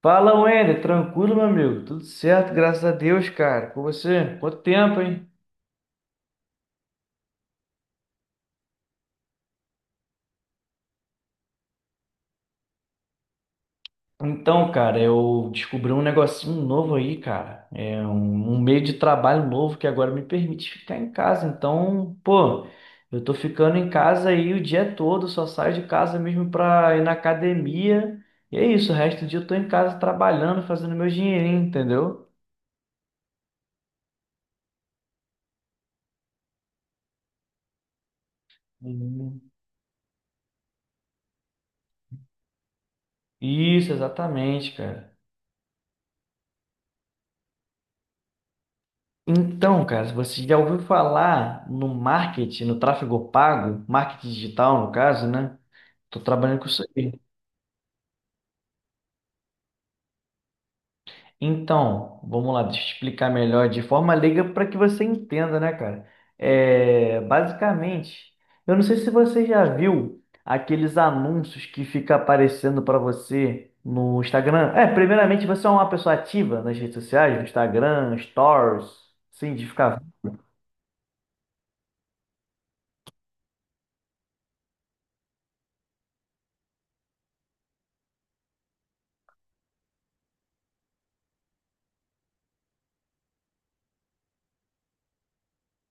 Fala, Wender, tranquilo, meu amigo? Tudo certo, graças a Deus, cara. Com você? Quanto tempo, hein? Então, cara, eu descobri um negocinho novo aí, cara. É um meio de trabalho novo que agora me permite ficar em casa. Então, pô, eu tô ficando em casa aí o dia todo, só saio de casa mesmo pra ir na academia. E é isso, o resto do dia eu tô em casa trabalhando, fazendo meu dinheirinho, entendeu? Uhum. Isso, exatamente, cara. Então, cara, você já ouviu falar no marketing, no tráfego pago, marketing digital, no caso, né? Tô trabalhando com isso aí. Então, vamos lá, deixa eu explicar melhor de forma leiga para que você entenda, né, cara? É, basicamente, eu não sei se você já viu aqueles anúncios que fica aparecendo para você no Instagram. É, primeiramente, você é uma pessoa ativa nas redes sociais, no Instagram, Stories, sim, de ficar.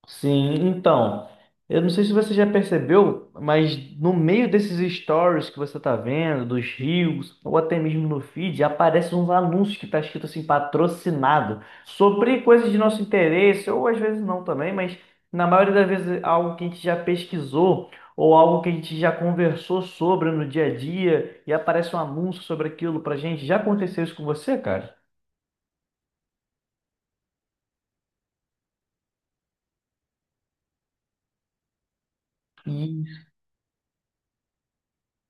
Sim, então, eu não sei se você já percebeu, mas no meio desses stories que você tá vendo, dos reels, ou até mesmo no feed, aparecem uns anúncios que tá escrito assim, patrocinado, sobre coisas de nosso interesse, ou às vezes não também, mas na maioria das vezes é algo que a gente já pesquisou, ou algo que a gente já conversou sobre no dia a dia, e aparece um anúncio sobre aquilo pra gente. Já aconteceu isso com você, cara?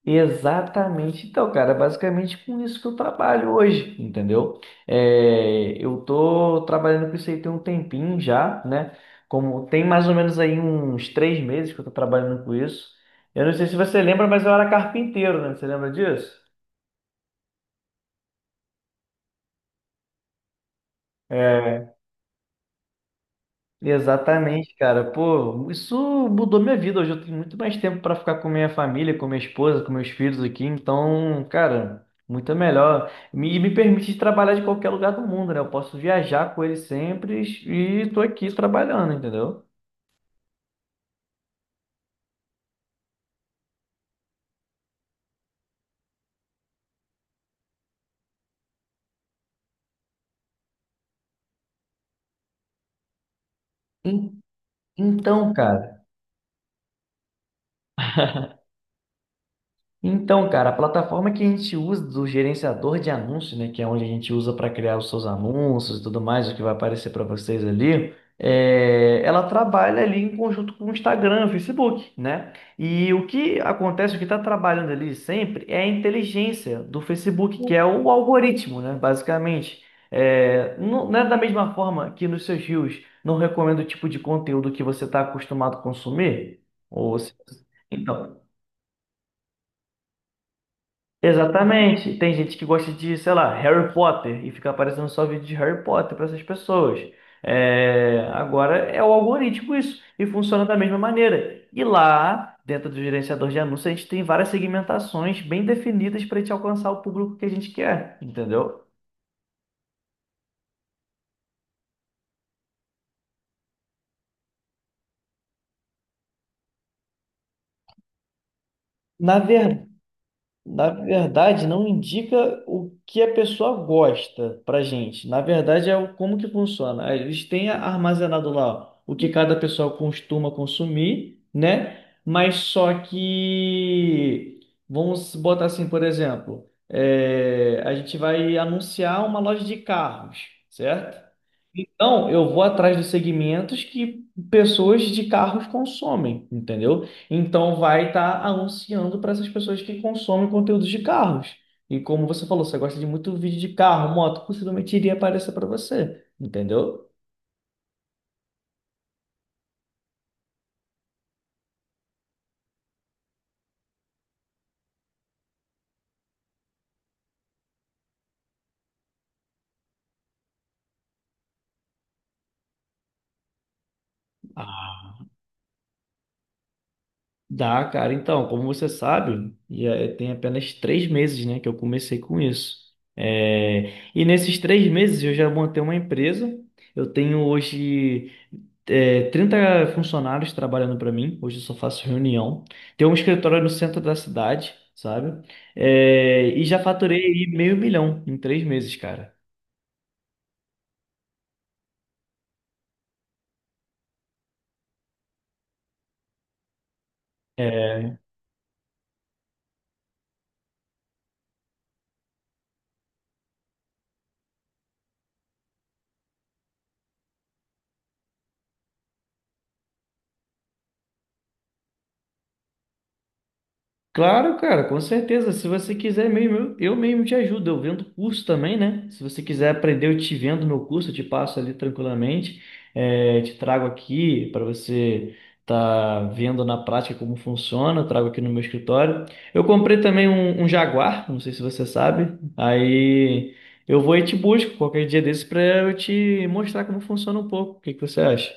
Exatamente. Então, cara, é basicamente com isso que eu trabalho hoje, entendeu? É, eu tô trabalhando com isso aí tem um tempinho já, né? Como tem mais ou menos aí uns 3 meses que eu tô trabalhando com isso. Eu não sei se você lembra, mas eu era carpinteiro, né? Você lembra disso? É. Exatamente, cara. Pô, isso mudou minha vida. Hoje eu tenho muito mais tempo para ficar com minha família, com minha esposa, com meus filhos aqui. Então, cara, muito melhor. E me permite trabalhar de qualquer lugar do mundo, né? Eu posso viajar com eles sempre e tô aqui trabalhando, entendeu? En- Então, cara. Então, cara, a plataforma que a gente usa do gerenciador de anúncios, né, que é onde a gente usa para criar os seus anúncios e tudo mais, o que vai aparecer para vocês ali, é, ela trabalha ali em conjunto com o Instagram, o Facebook, né? E o que acontece, o que está trabalhando ali sempre é a inteligência do Facebook, que é o algoritmo, né, basicamente. É, não, não é da mesma forma que nos seus reels não recomenda o tipo de conteúdo que você está acostumado a consumir? Ou então, exatamente. Tem gente que gosta de, sei lá, Harry Potter e fica aparecendo só vídeo de Harry Potter para essas pessoas. É, agora é o algoritmo isso e funciona da mesma maneira. E lá, dentro do gerenciador de anúncios, a gente tem várias segmentações bem definidas para a gente alcançar o público que a gente quer, entendeu? Na verdade Na verdade, não indica o que a pessoa gosta para gente. Na verdade, é o como que funciona. Eles têm armazenado lá o que cada pessoa costuma consumir, né? Mas só que vamos botar assim, por exemplo, é, a gente vai anunciar uma loja de carros, certo? Então, eu vou atrás dos segmentos que pessoas de carros consomem, entendeu? Então, vai estar anunciando para essas pessoas que consomem conteúdos de carros. E como você falou, você gosta de muito vídeo de carro, moto, possivelmente iria aparecer para você, entendeu? Ah, dá, cara. Então, como você sabe, e, tem apenas 3 meses, né, que eu comecei com isso. É, e nesses 3 meses eu já montei uma empresa. Eu tenho hoje é, 30 funcionários trabalhando para mim. Hoje eu só faço reunião. Tem um escritório no centro da cidade, sabe? É, e já faturei aí meio milhão em 3 meses, cara. É, claro, cara, com certeza. Se você quiser mesmo, eu mesmo te ajudo. Eu vendo curso também, né? Se você quiser aprender, eu te vendo meu curso, eu te passo ali tranquilamente. É, te trago aqui para você tá vendo na prática como funciona. Eu trago aqui no meu escritório. Eu comprei também um Jaguar, não sei se você sabe. Aí eu vou e te busco qualquer dia desse para eu te mostrar como funciona um pouco. O que que você acha?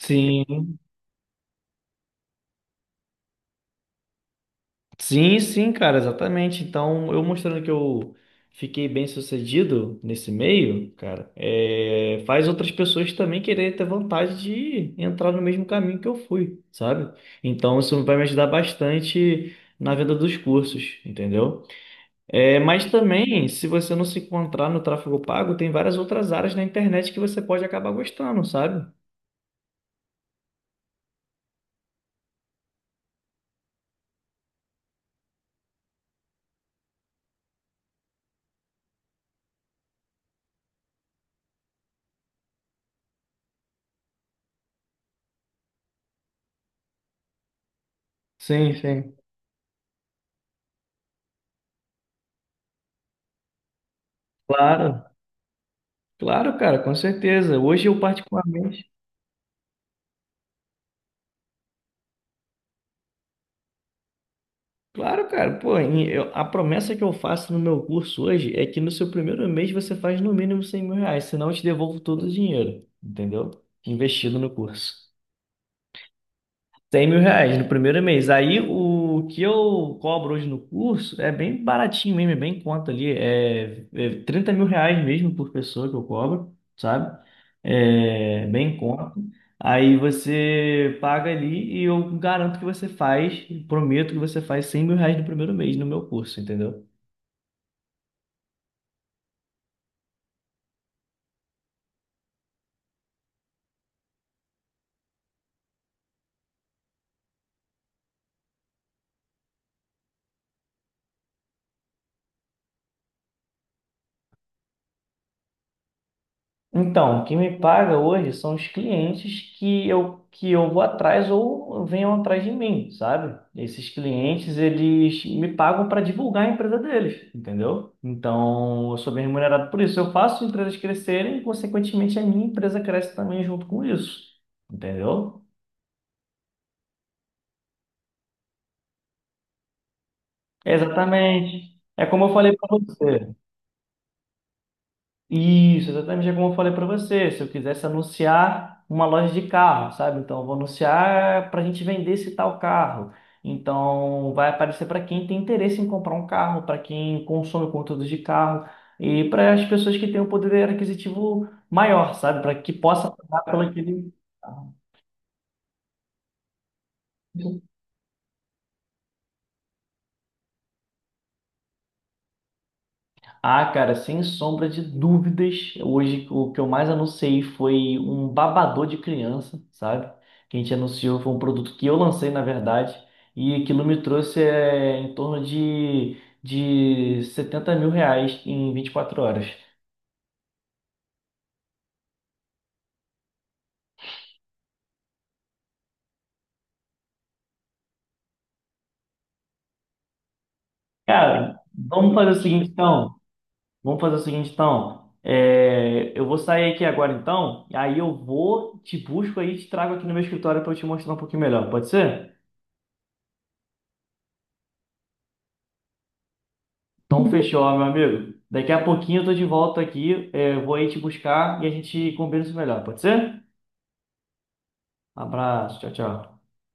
Sim. Sim, sim, cara, exatamente. Então, eu mostrando que eu fiquei bem sucedido nesse meio, cara, é, faz outras pessoas também quererem ter vontade de entrar no mesmo caminho que eu fui, sabe? Então, isso vai me ajudar bastante na venda dos cursos, entendeu? É, mas também, se você não se encontrar no tráfego pago, tem várias outras áreas na internet que você pode acabar gostando, sabe? Sim, sim. Claro, claro, cara, com certeza. Hoje eu particularmente. Claro, cara, pô, a promessa que eu faço no meu curso hoje é que no seu primeiro mês você faz no mínimo R$ 100.000, senão eu te devolvo todo o dinheiro, entendeu? Investido no curso R$ 100.000 no primeiro mês. Aí o que eu cobro hoje no curso é bem baratinho mesmo, é bem em conta ali. É 30 mil reais mesmo por pessoa que eu cobro, sabe? É bem em conta. Aí você paga ali e eu garanto que você faz, prometo que você faz R$ 100.000 no primeiro mês no meu curso, entendeu? Então, o que me paga hoje são os clientes que que eu vou atrás ou venham atrás de mim, sabe? Esses clientes, eles me pagam para divulgar a empresa deles, entendeu? Então, eu sou bem remunerado por isso. Eu faço empresas crescerem e, consequentemente, a minha empresa cresce também junto com isso, entendeu? É, exatamente. É como eu falei para você. Isso, exatamente é como eu falei para você. Se eu quisesse anunciar uma loja de carro, sabe? Então, eu vou anunciar para a gente vender esse tal carro. Então, vai aparecer para quem tem interesse em comprar um carro, para quem consome conteúdo de carro e para as pessoas que têm um poder aquisitivo maior, sabe? Para que possa pagar pelo aquele carro. Ah, cara, sem sombra de dúvidas, hoje o que eu mais anunciei foi um babador de criança, sabe? Que a gente anunciou foi um produto que eu lancei, na verdade, e aquilo me trouxe é, em torno de, R$ 70.000 em 24 horas. Cara, vamos fazer o seguinte então. Vamos fazer o seguinte então. É, eu vou sair aqui agora então, e aí eu vou, te busco aí e te trago aqui no meu escritório para eu te mostrar um pouquinho melhor, pode ser? Então, fechou, meu amigo. Daqui a pouquinho eu tô de volta aqui. É, vou aí te buscar e a gente combina isso melhor. Pode ser? Abraço. Tchau, tchau.